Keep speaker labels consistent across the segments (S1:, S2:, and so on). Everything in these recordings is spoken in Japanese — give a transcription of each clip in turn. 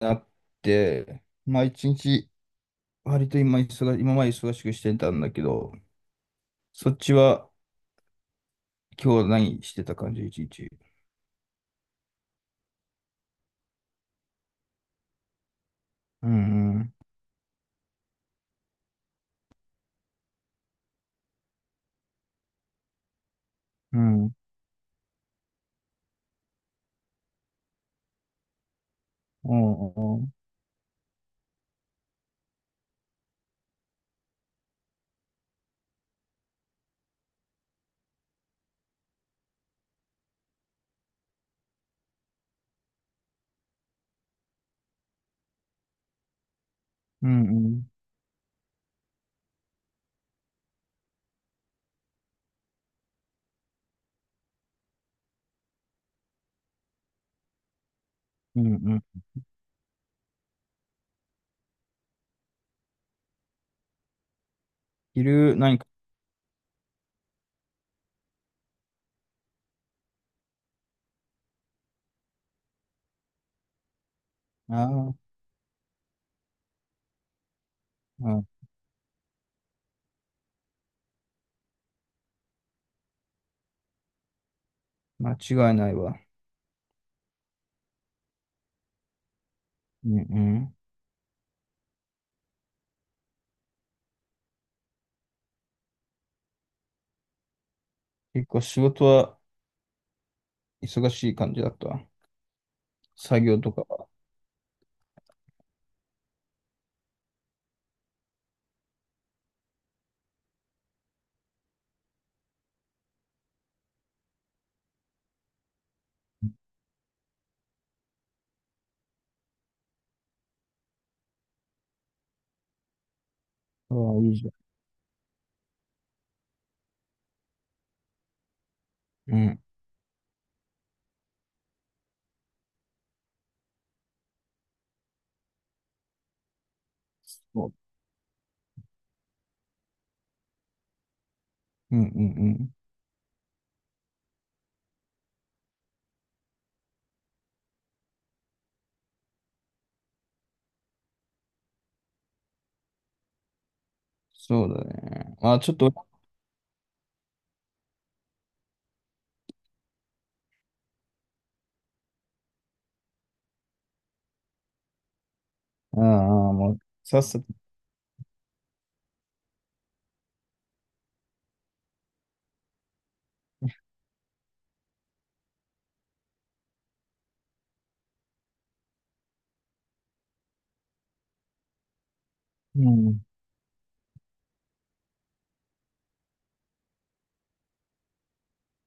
S1: なって、まあ一日、割と今忙し、今まで忙しくしてたんだけど、そっちは今日何してた感じ、一日。うんうん。うん。うんうん。うんうん。うんうん。昼何か、ああ。うん。間違いないわ。うんうん。結構仕事は忙しい感じだった。作業とかは。ああ、いいじゃん。うん。そう。うんうんうん。そうだね。まあちょっと、ああ、もう、さっさと、うん。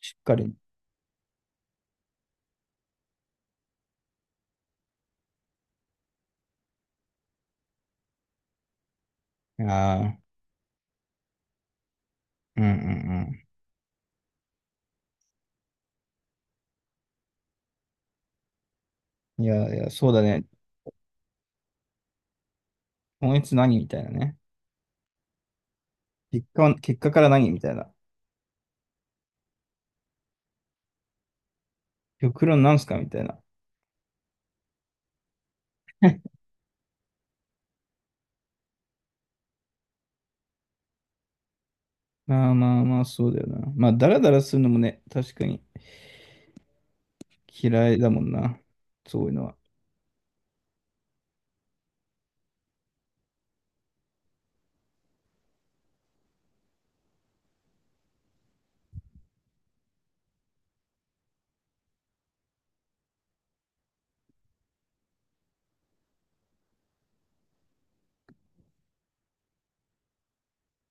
S1: しっかり、ああ、うんうんうん。いやいや、そうだね。今月何みたいなね。結果は、結果から何みたいな。極論なんすかみたいな。まあまあまあ、そうだよな。まあ、だらだらするのもね、確かに嫌いだもんな。そういうのは。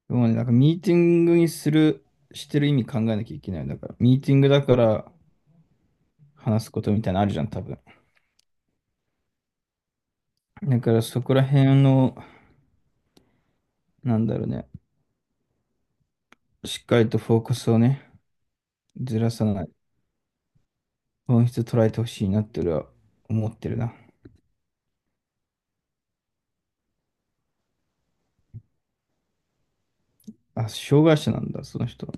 S1: でもね、なんかミーティングにする、してる意味考えなきゃいけない。だから、ミーティングだから話すことみたいなのあるじゃん、多分。だからそこら辺の、なんだろうね、しっかりとフォーカスをね、ずらさない。本質捉えてほしいなって俺は思ってるな。あ、障害者なんだ、その人は。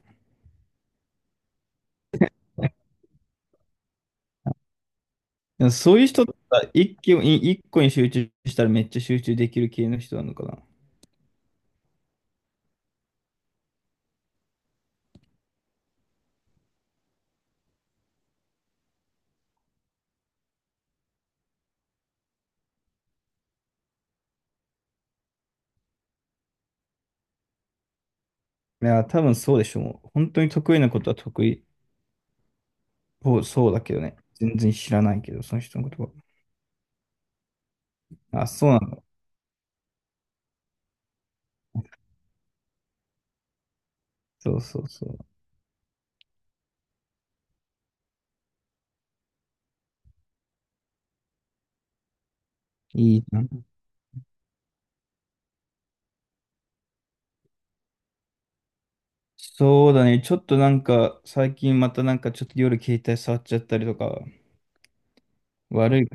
S1: いやそういう人ってさ一気に、一個に集中したらめっちゃ集中できる系の人なのかな。いや、多分そうでしょう。もう本当に得意なことは得意そうそうだけどね。全然知らないけど、その人のことは。あ、そうなんだ。そうそうそう。いいな。そうだね。ちょっとなんか、最近またなんかちょっと夜携帯触っちゃったりとか、悪い。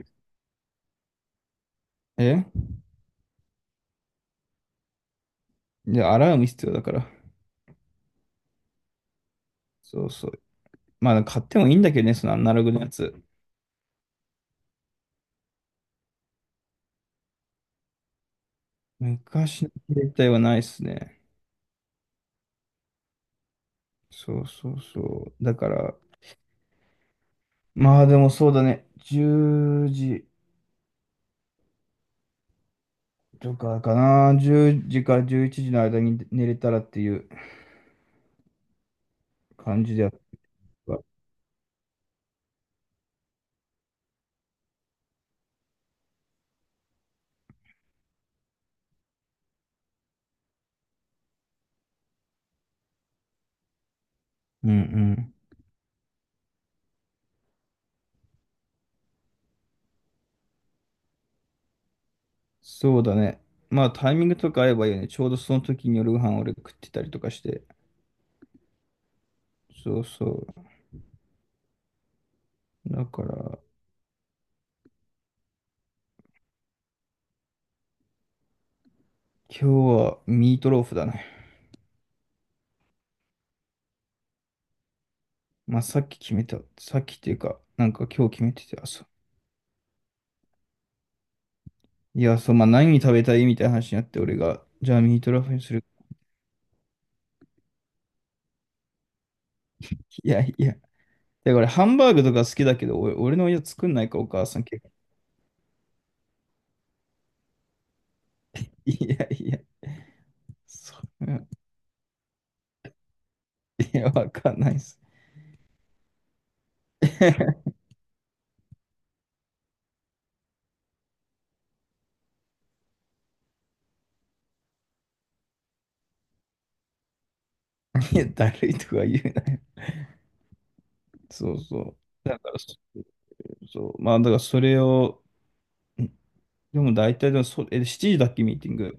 S1: え、で、アラーム必要だから。そうそう。まあ、買ってもいいんだけどね、そのアナログのやつ。昔の携帯はないっすね。そうそうそう。だから、まあでもそうだね。10時とかかな。10時から11時の間に寝れたらっていう感じでやった。うんうん。そうだね。まあタイミングとか合えばいいよね。ちょうどその時に夜ご飯俺食ってたりとかして。そうそう。だから、今日はミートローフだね。まあ、さっき決めた。さっきっていうか、なんか今日決めてて、朝。いや、そう、まあ、何食べたいみたいな話になって、俺が、じゃあミートローフにする。いやいや。だから、ハンバーグとか好きだけど、俺、俺の親作んないか、お母さん結構。いやいや。そう。いや、わかんないっす。いや、だるいとか言うなよ。そうそう。だから、そ、そう。まあ、だからそれを、ん、でも大体でもそ、え、7時だっけ、ミーティング。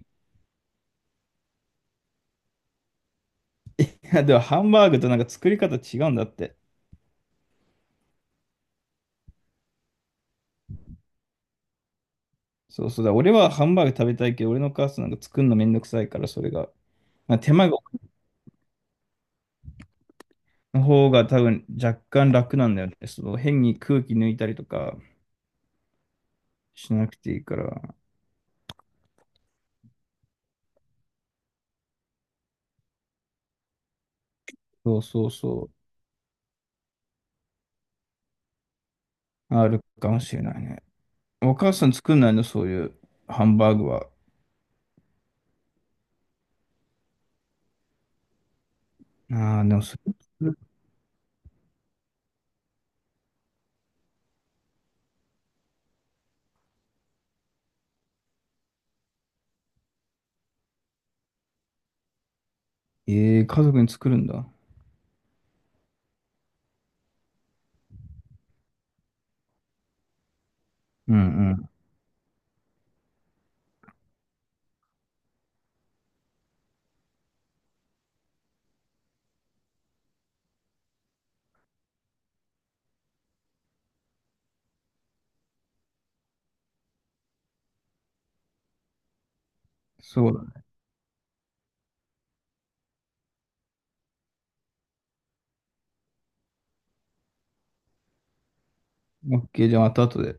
S1: いや、でもハンバーグとなんか作り方違うんだって。そうそうだ。俺はハンバーグ食べたいけど、俺の母さんなんか作るのめんどくさいから、それが。まあ手間がの方が多分若干楽なんだよね。その変に空気抜いたりとかしなくていいから。そうそうそう。あるかもしれないね。お母さん作んないのそういうハンバーグは。ああ、でもそれ、ええー、家族に作るんだ。うんうん。そうだね。オッケー、じゃあまた後で。